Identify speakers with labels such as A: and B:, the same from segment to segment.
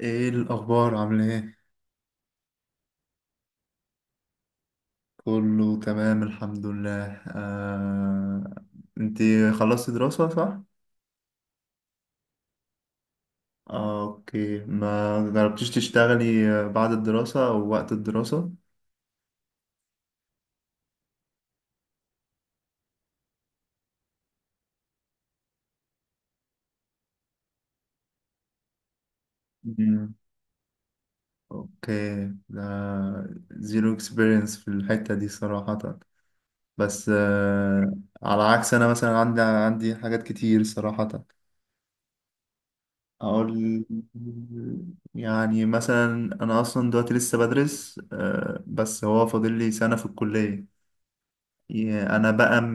A: ايه الاخبار عامل ايه؟ كله تمام الحمد لله. انت، خلصتي دراسة صح؟ اوكي، ما جربتيش تشتغلي بعد الدراسة او وقت الدراسة؟ مم. اوكي، ده زيرو اكسبيرينس في الحتة دي صراحة. بس على عكس، انا مثلا عندي حاجات كتير صراحة، اقول يعني مثلا. انا اصلا دلوقتي لسه بدرس، بس هو فاضل لي سنة في الكلية. يا- انا بقى م-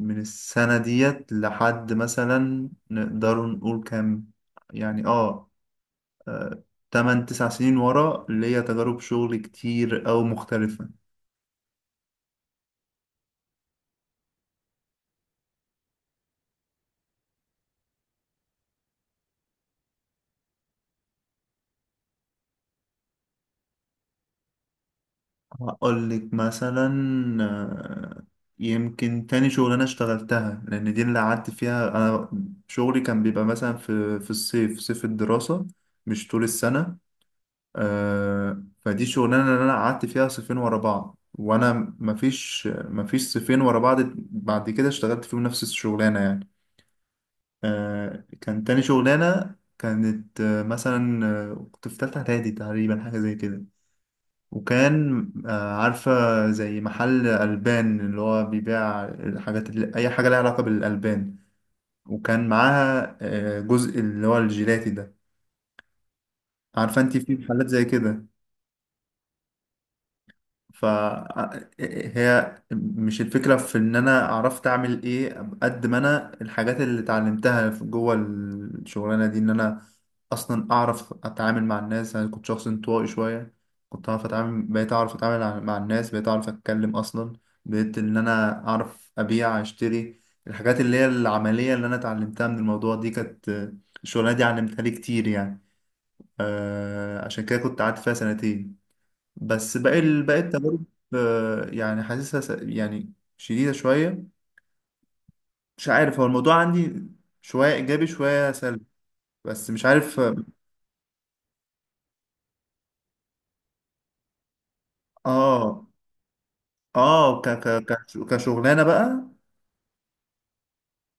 A: من السنة ديت لحد مثلا نقدر نقول كام، يعني آه، تمن تسع سنين ورا ليا تجارب شغل كتير او مختلفة. هقول لك مثلا، آه، يمكن تاني شغلانة اشتغلتها، لأن دي اللي قعدت فيها أنا. شغلي كان بيبقى مثلا في الصيف، في صيف الدراسة، مش طول السنة. فدي شغلانة اللي أنا قعدت فيها صيفين ورا بعض، وأنا مفيش صيفين ورا بعض، بعد كده اشتغلت فيهم نفس الشغلانة يعني. كان تاني شغلانة، كانت مثلا، كنت في تالتة إعدادي تقريبا، حاجة زي كده. وكان عارفة، زي محل ألبان اللي هو بيبيع الحاجات، اللي أي حاجة لها علاقة بالألبان، وكان معاها جزء اللي هو الجيلاتي ده، عارفة أنت في محلات زي كده. فهي مش الفكرة في إن أنا عرفت أعمل إيه، قد ما أنا الحاجات اللي اتعلمتها جوه الشغلانة دي، إن أنا أصلا أعرف أتعامل مع الناس. أنا كنت شخص انطوائي شوية، كنت أعرف أتعامل بقيت أعرف أتعامل مع الناس، بقيت أعرف أتكلم أصلا، بقيت إن أنا أعرف أبيع أشتري. الحاجات اللي هي العملية اللي أنا اتعلمتها من الموضوع دي كانت، الشغلانة دي علمتها لي كتير يعني. عشان كده كنت قعدت فيها سنتين. بس باقي باقي التجارب يعني حاسسها يعني شديدة شوية. مش عارف، هو الموضوع عندي شوية إيجابي شوية سلبي، بس مش عارف. آه كشغلانة بقى،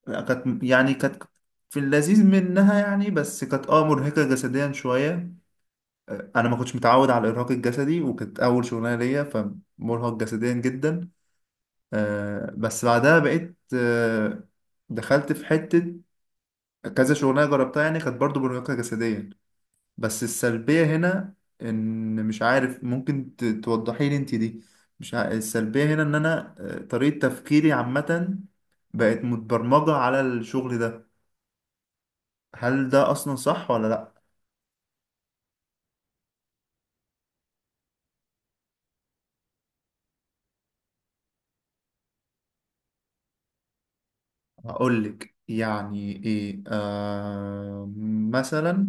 A: لا، كانت، يعني كانت في اللذيذ منها يعني، بس كانت مرهقة جسديا شوية. أنا ما كنتش متعود على الإرهاق الجسدي، وكانت أول شغلانة ليا، فمرهق جسديا جدا. بس بعدها بقيت، دخلت في حتة كذا شغلانه جربتها، يعني كانت برضو مرهقه جسديا. بس السلبيه هنا، ان مش عارف، ممكن توضحي لي انت دي؟ مش ع... السلبيه هنا ان انا طريقه تفكيري عامه بقت متبرمجه على الشغل ده. هل ده اصلا صح ولا لا؟ هقول لك يعني ايه، مثلا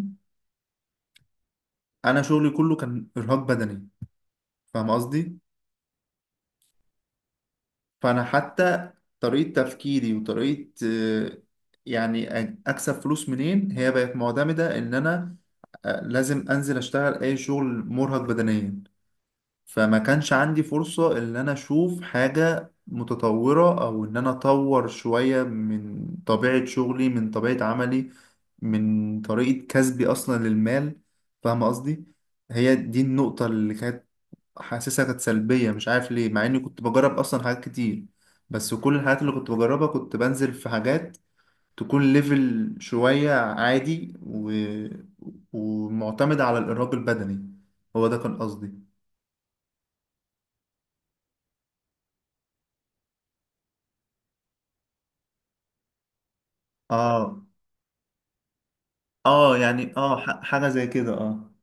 A: انا شغلي كله كان ارهاق بدني، فاهم قصدي؟ فانا حتى طريقه تفكيري وطريقه يعني اكسب فلوس منين، هي بقت معتمده ان انا لازم انزل اشتغل اي شغل مرهق بدنيا. فما كانش عندي فرصه ان انا اشوف حاجه متطوره، او ان انا اطور شويه من طبيعه شغلي، من طبيعه عملي، من طريقه كسبي اصلا للمال. فاهم قصدي؟ هي دي النقطه اللي كانت حاسسها كانت سلبية، مش عارف ليه، مع اني كنت بجرب اصلا حاجات كتير. بس كل الحاجات اللي كنت بجربها كنت بنزل في حاجات تكون ليفل شوية عادي، ومعتمدة على الإرهاق البدني. هو ده كان قصدي. اه، اه، يعني حاجة زي كده، اه.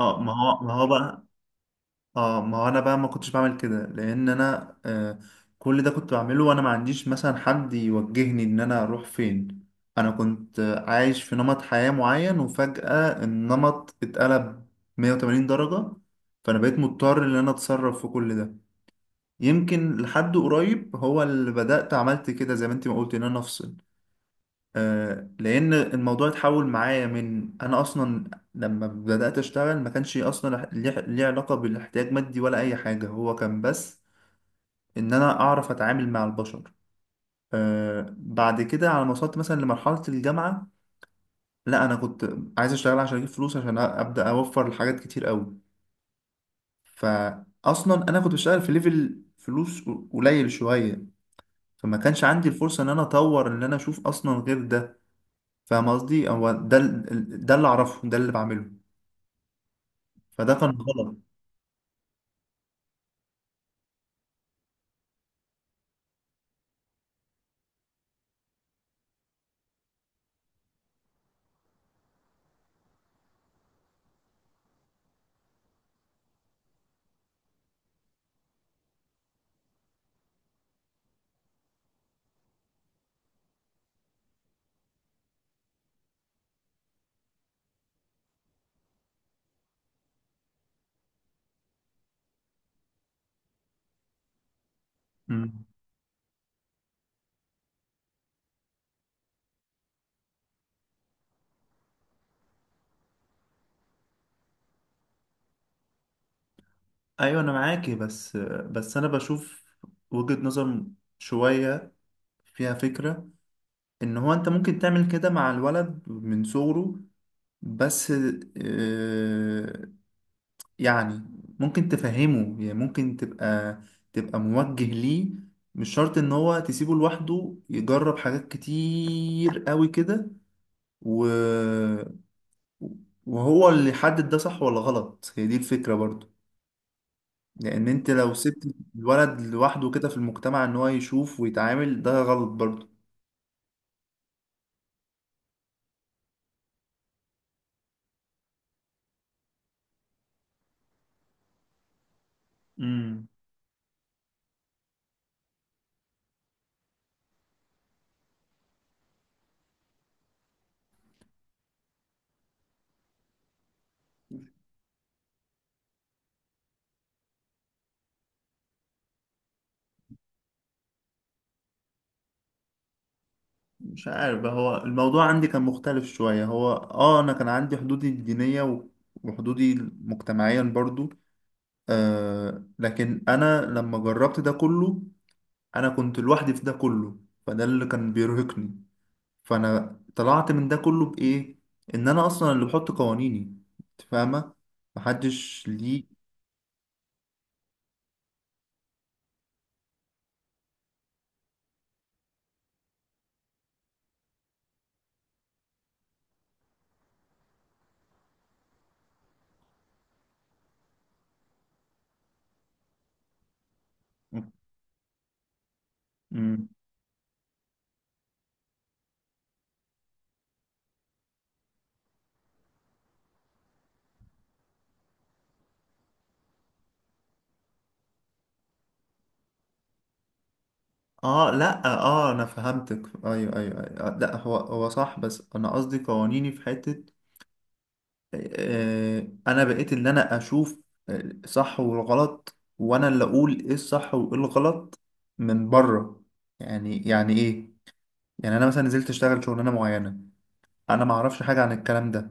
A: اه، ما هو بقى، اه، ما هو انا بقى ما كنتش بعمل كده، لان انا كل ده كنت بعمله، وانا ما عنديش مثلا حد يوجهني ان انا اروح فين. انا كنت عايش في نمط حياة معين، وفجأة النمط اتقلب 180 درجة، فانا بقيت مضطر ان انا اتصرف في كل ده. يمكن لحد قريب هو اللي بدأت عملت كده، زي ما انت ما قلت، ان انا افصل. لان الموضوع اتحول معايا، من انا اصلا لما بدات اشتغل ما كانش اصلا ليه علاقه بالاحتياج مادي، ولا اي حاجه، هو كان بس ان انا اعرف اتعامل مع البشر. بعد كده على ما وصلت مثلا لمرحله الجامعه، لا، انا كنت عايز اشتغل عشان اجيب فلوس، عشان ابدا اوفر لحاجات كتير قوي. فاصلا انا كنت بشتغل في ليفل فلوس قليل شويه، فما كانش عندي الفرصه ان انا اطور، ان انا اشوف اصلا غير ده. فاهم قصدي؟ هو ده ده اللي اعرفه، ده اللي بعمله، فده كان غلط. مم. ايوه انا معاكي، بس، بس انا بشوف وجهة نظر شوية فيها فكرة، ان هو انت ممكن تعمل كده مع الولد من صغره، بس آه، يعني ممكن تفهمه، يعني ممكن تبقى موجه ليه، مش شرط ان هو تسيبه لوحده يجرب حاجات كتير قوي كده و... وهو اللي يحدد ده صح ولا غلط. هي دي الفكرة برضو، لان انت لو سبت الولد لوحده كده في المجتمع ان هو يشوف ويتعامل، ده غلط برضه. امم. مش عارف بقى، هو الموضوع عندي كان مختلف شوية، هو انا كان عندي حدودي الدينية وحدودي مجتمعيا برضو. لكن انا لما جربت ده كله، انا كنت لوحدي في ده كله، فده اللي كان بيرهقني. فانا طلعت من ده كله بايه؟ ان انا اصلا اللي بحط قوانيني. انت فاهمة، محدش ليه. مم. اه، لا، اه، انا فهمتك، ايوه، ايوه، ايوه، لا، هو هو صح، بس انا قصدي قوانيني في حتة. انا بقيت اللي انا اشوف صح والغلط، وانا اللي اقول ايه الصح وايه الغلط من بره. يعني، يعني ايه؟ يعني انا مثلا نزلت اشتغل شغلانة معينة، انا ما اعرفش حاجة عن الكلام ده،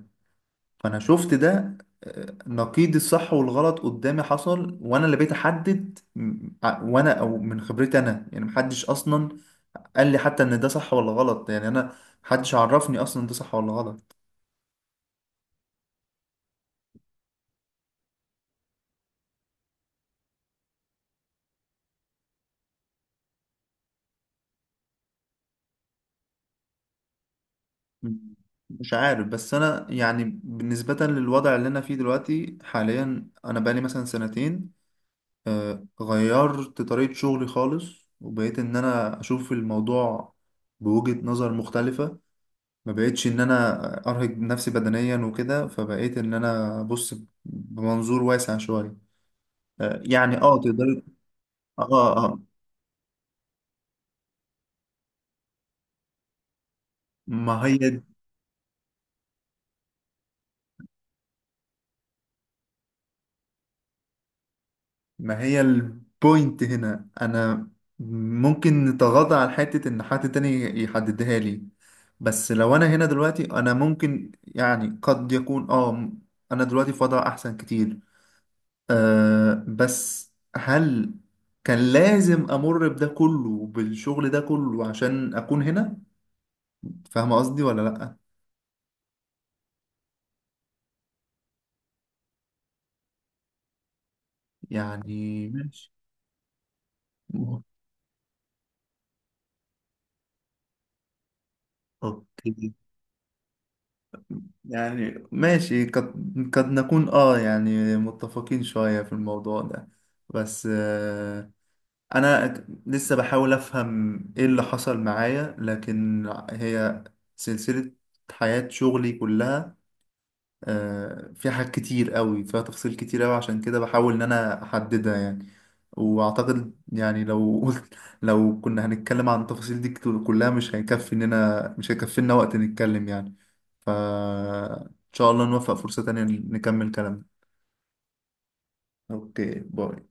A: فانا شفت ده نقيض الصح والغلط قدامي حصل، وانا اللي بقيت احدد وانا او من خبرتي انا، يعني محدش اصلا قال لي حتى ان ده صح ولا غلط، يعني انا محدش عرفني اصلا ده صح ولا غلط. مم. مش عارف، بس انا يعني بالنسبة للوضع اللي انا فيه دلوقتي حاليا، انا بقالي مثلا سنتين غيرت طريقة شغلي خالص، وبقيت ان انا اشوف الموضوع بوجهة نظر مختلفة. ما بقيتش ان انا ارهق نفسي بدنيا وكده، فبقيت ان انا ابص بمنظور واسع شوية، يعني تقدر. اه، اه، ما هي ما هي البوينت هنا، انا ممكن نتغاضى عن حتة ان حد تاني يحددها لي، بس لو انا هنا دلوقتي، انا ممكن يعني قد يكون انا دلوقتي في وضع احسن كتير. بس هل كان لازم امر بده كله، بالشغل ده كله، عشان اكون هنا؟ فاهم قصدي ولا لا؟ يعني ماشي. اوكي. يعني ماشي، قد نكون يعني متفقين شوية في الموضوع ده، بس انا لسه بحاول افهم ايه اللي حصل معايا، لكن هي سلسلة، حياة شغلي كلها فيها حاجات كتير قوي، فيها تفاصيل كتير قوي، عشان كده بحاول ان انا احددها يعني. واعتقد يعني، لو قلت، لو كنا هنتكلم عن التفاصيل دي كلها، مش هيكفينا وقت نتكلم يعني. ف ان شاء الله نوفق فرصة تانية، نكمل كلامنا. اوكي، باي.